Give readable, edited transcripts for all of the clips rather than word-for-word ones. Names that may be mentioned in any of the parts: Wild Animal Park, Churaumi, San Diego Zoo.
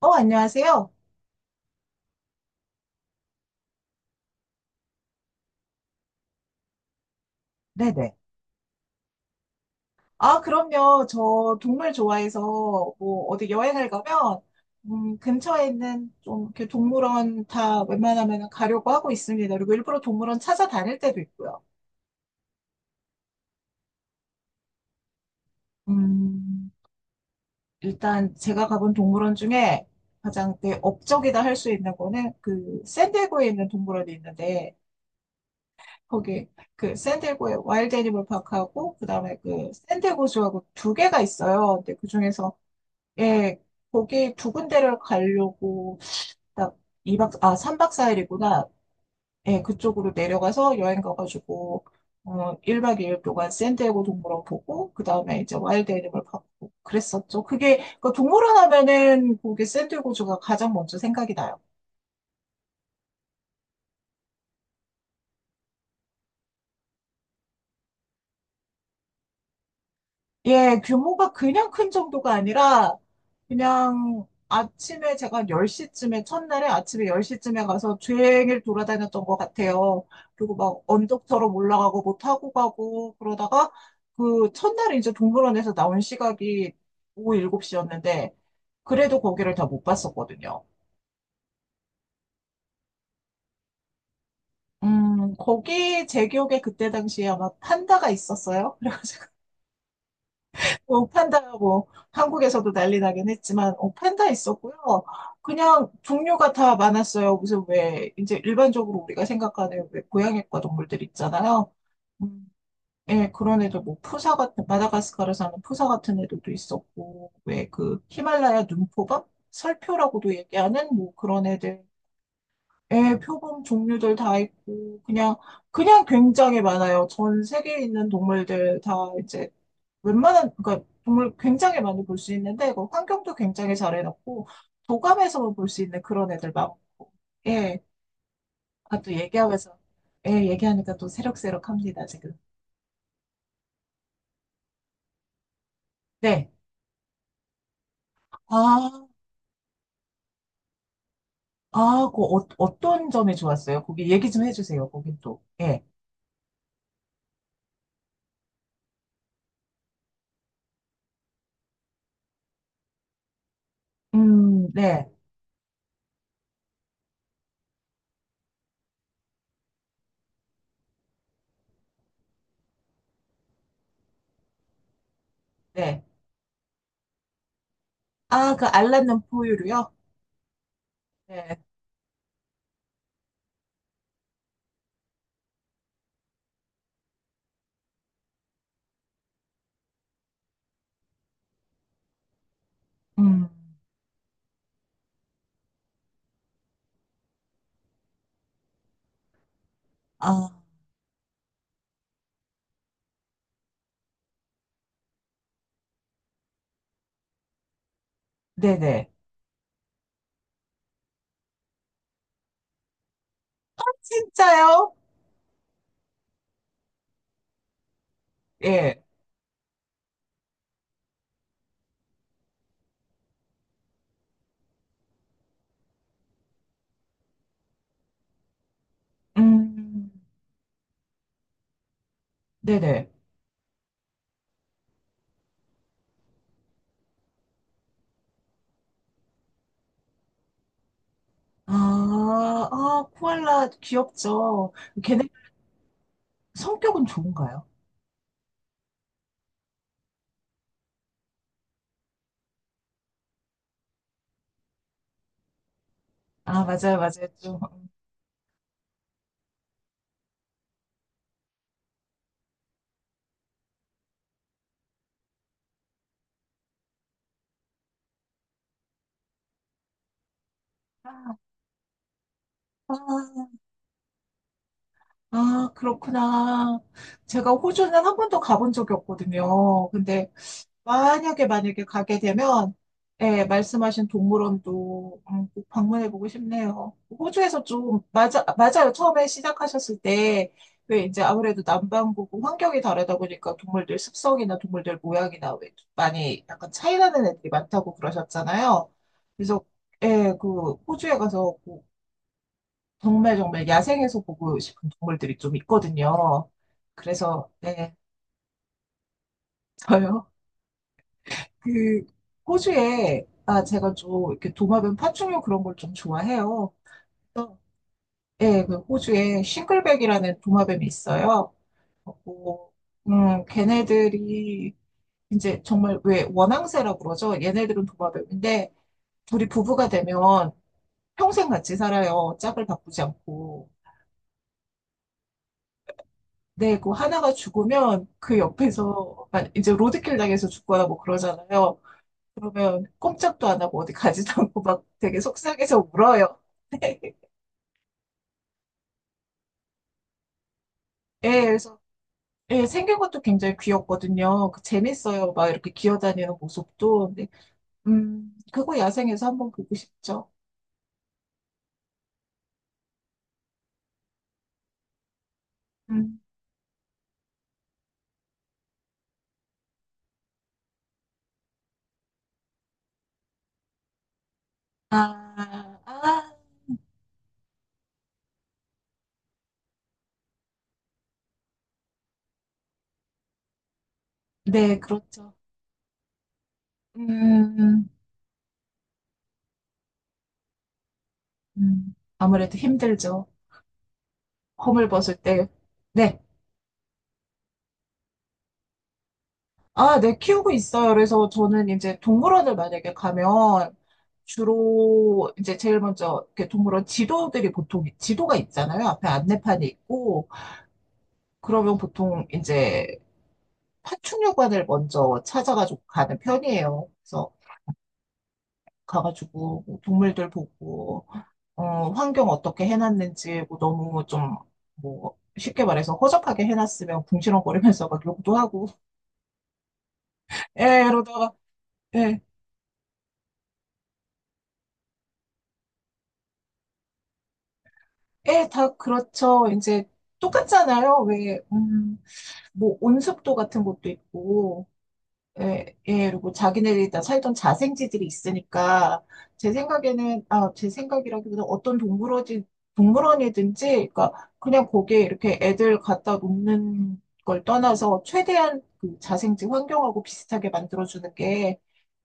어, 안녕하세요. 네네. 아, 그럼요. 저 동물 좋아해서 뭐 어디 여행을 가면 근처에 있는 좀 이렇게 동물원 다 웬만하면 가려고 하고 있습니다. 그리고 일부러 동물원 찾아다닐 때도 있고요. 음, 일단 제가 가본 동물원 중에 가장 내 업적이다 할 수 있는 거는 그 샌디에고에 있는 동물원이 있는데, 거기 그 샌디에고에 와일드 애니멀 파크하고 그다음에 그 샌디에고주하고 두 개가 있어요. 근데 그중에서 예, 거기 두 군데를 가려고 딱 이박 아, 3박 4일이구나. 예, 그쪽으로 내려가서 여행 가가지고, 어, 1박 2일 동안 샌디에고 동물원 보고, 그 다음에 이제 와일드 애니멀 파크 보고 그랬었죠. 그게, 그 동물원 하면은 거기 샌디에고주가 가장 먼저 생각이 나요. 예, 규모가 그냥 큰 정도가 아니라 그냥 아침에 제가 10시쯤에 첫날에 아침에 10시쯤에 가서 종일 돌아다녔던 것 같아요. 그리고 막 언덕처럼 올라가고 뭐 타고 가고 그러다가 그 첫날에 이제 동물원에서 나온 시각이 오후 7시였는데, 그래도 거기를 다 못 봤었거든요. 거기 제 기억에 그때 당시에 아마 판다가 있었어요. 어, 판다, 뭐, 한국에서도 난리 나긴 했지만, 어, 판다 있었고요. 그냥 종류가 다 많았어요. 무슨 왜, 이제 일반적으로 우리가 생각하는 왜 고양이과 동물들 있잖아요. 음, 예, 그런 애들, 뭐, 푸사 같은, 마다가스카르 사는 푸사 같은 애들도 있었고, 왜 그, 히말라야 눈표범? 설표라고도 얘기하는 뭐 그런 애들. 예, 표범 종류들 다 있고, 그냥, 그냥 굉장히 많아요. 전 세계에 있는 동물들 다 이제 웬만한, 그러니까 동물 굉장히 많이 볼 수 있는데, 그 환경도 굉장히 잘 해놨고, 도감에서만 볼 수 있는 그런 애들 많고, 예. 아, 또 얘기하면서, 예, 얘기하니까 또 새록새록합니다, 지금. 네. 아, 아, 그 어떤 점이 좋았어요? 거기 얘기 좀 해주세요, 거긴 또. 예. 네, 네. 아, 그 알랏는 포유류요? 네. 음, 아, 네네. 진짜요? 예. 음, 네네. 아, 아, 코알라 귀엽죠. 걔네 성격은 좋은가요? 아, 맞아요, 맞아요. 좀. 아, 아, 그렇구나. 제가 호주는 한 번도 가본 적이 없거든요. 근데 만약에 만약에 가게 되면 예, 말씀하신 동물원도 꼭 방문해보고 싶네요. 호주에서 좀 맞아 맞아요. 처음에 시작하셨을 때 왜 이제 아무래도 남반구고 환경이 다르다 보니까 동물들 습성이나 동물들 모양이나 왜 많이 약간 차이 나는 애들이 많다고 그러셨잖아요. 그래서 예, 그 호주에 가서 꼭 정말 정말 야생에서 보고 싶은 동물들이 좀 있거든요. 그래서 예, 저요. 그 호주에 제가 좀 이렇게 도마뱀 파충류 그런 걸 좀 좋아해요. 그래서 예, 그 호주에 싱글백이라는 도마뱀이 있어요. 그리고 걔네들이 이제 정말 왜 원앙새라고 그러죠? 얘네들은 도마뱀인데 둘이 부부가 되면 평생 같이 살아요. 짝을 바꾸지 않고. 네, 그 하나가 죽으면 그 옆에서 아, 이제 로드킬 당해서 죽거나 뭐 그러잖아요. 그러면 꼼짝도 안 하고 어디 가지도 않고 막 되게 속상해서 울어요. 예, 그래서 예, 생긴 것도 굉장히 귀엽거든요. 그 재밌어요. 막 이렇게 기어다니는 모습도. 근데 그거 야생에서 한번 보고 싶죠. 음. 아, 아, 네, 그렇죠. 음, 아무래도 힘들죠. 홈을 벗을 때. 네. 아, 네, 키우고 있어요. 그래서 저는 이제 동물원을 만약에 가면 주로 이제 제일 먼저 이렇게 동물원 지도들이 보통 지도가 있잖아요. 앞에 안내판이 있고, 그러면 보통 이제 파충류관을 먼저 찾아가지고 가는 편이에요. 그래서 가가지고 뭐 동물들 보고 어, 환경 어떻게 해놨는지 뭐 너무 좀 뭐 쉽게 말해서 허접하게 해놨으면 궁시렁거리면서 막 욕도 하고 에 이러다가 에, 에, 다 그렇죠. 이제 똑같잖아요. 왜, 뭐 온습도 같은 것도 있고 예, 예, 그리고 자기네들이 다 살던 자생지들이 있으니까, 제 생각에는, 아, 제 생각이라기보다 어떤 동물원이든지, 그러니까 그냥 거기에 이렇게 애들 갖다 놓는 걸 떠나서 최대한 그 자생지 환경하고 비슷하게 만들어주는 게,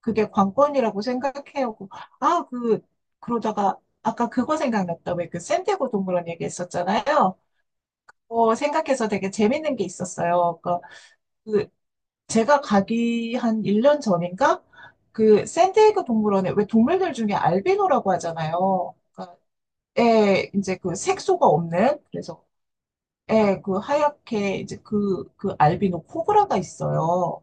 그게 관건이라고 생각해요. 아, 그, 그러다가, 아까 그거 생각났다. 왜 그 샌디에고 동물원 얘기했었잖아요. 어, 생각해서 되게 재밌는 게 있었어요. 그러니까 그 제가 가기 한 1년 전인가? 그 샌디에이고 동물원에 왜 동물들 중에 알비노라고 하잖아요. 그러니까 예, 이제 그 색소가 없는, 그래서 애 그 하얗게 이제 그 알비노 코브라가 있어요.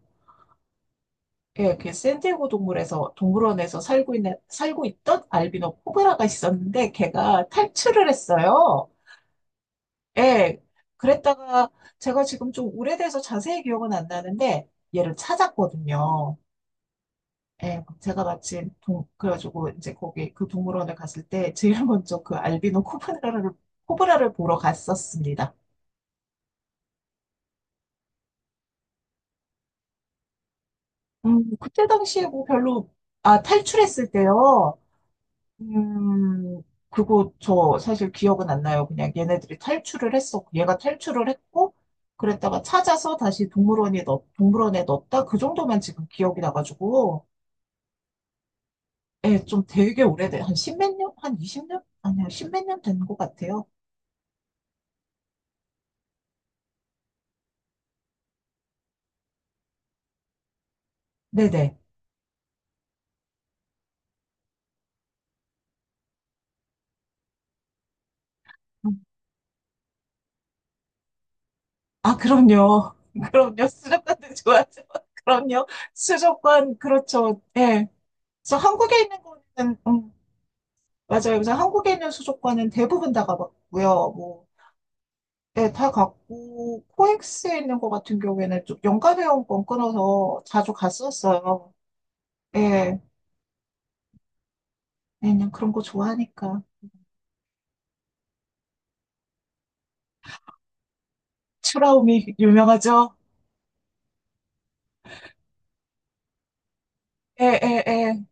예, 그 샌디에이고 동물에서 동물원에서 살고 있던 알비노 코브라가 있었는데, 걔가 탈출을 했어요. 예. 그랬다가 제가 지금 좀 오래돼서 자세히 기억은 안 나는데 얘를 찾았거든요. 예, 제가 마침 동, 그래가지고 이제 거기 그 동물원에 갔을 때 제일 먼저 그 알비노 코브라를 보러 갔었습니다. 그때 당시에 뭐 별로, 아, 탈출했을 때요. 음, 그거 저 사실 기억은 안 나요. 그냥 얘네들이 탈출을 했어. 얘가 탈출을 했고, 그랬다가 찾아서 다시 동물원에 넣었다. 그 정도만 지금 기억이 나가지고, 예, 좀 되게 오래돼. 한 십몇 년? 한 20년 아니야, 십몇 년 된 것 같아요. 네네. 음, 아, 그럼요. 그럼요. 수족관도 좋아하죠. 그럼요. 수족관, 그렇죠. 예. 그래서 한국에 있는 거는, 맞아요. 그래서 한국에 있는 수족관은 대부분 다 가봤고요. 뭐, 예, 다 갔고, 코엑스에 있는 거 같은 경우에는 좀 연간 회원권 끊어서 자주 갔었어요. 예. 왜냐면 그런 거 좋아하니까. 추라우미 유명하죠? 예, 예, 예.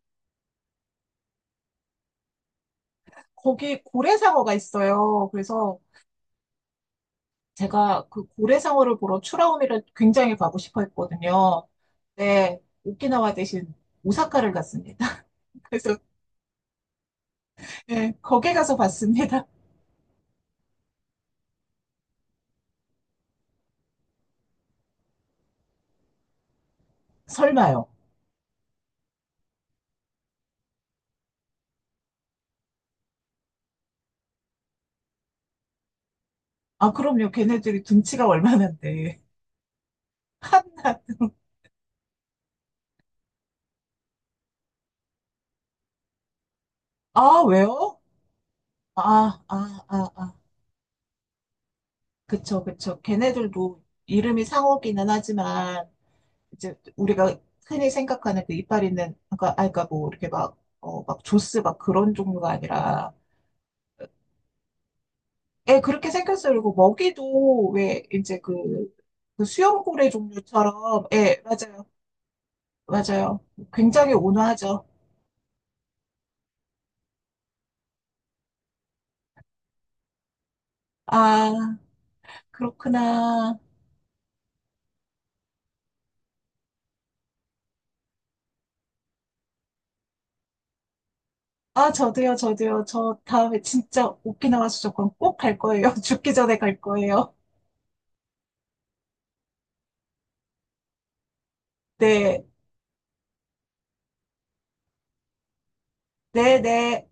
거기 고래상어가 있어요. 그래서 제가 그 고래상어를 보러 추라우미를 굉장히 가고 싶어 했거든요. 네, 오키나와 대신 오사카를 갔습니다. 그래서 예, 거기 가서 봤습니다. 설마요. 아, 그럼요. 걔네들이 둔치가 얼마나인데. 한낱. 아, 왜요? 아, 아, 아, 아. 그쵸, 그쵸. 걔네들도 이름이 상어기는 하지만 이제 우리가 흔히 생각하는 그 이빨 있는, 그러니까 아까 뭐 이렇게 막 어, 막 조스 막 그런 종류가 아니라 예, 그렇게 생겼어요. 그리고 먹이도 왜 이제 그, 그 수염고래 종류처럼, 예, 맞아요. 맞아요. 굉장히 온화하죠. 아, 그렇구나. 아, 저도요, 저도요. 저 다음에 진짜 오키나와 수족관 꼭 갈 거예요. 죽기 전에 갈 거예요. 네, 네, 네.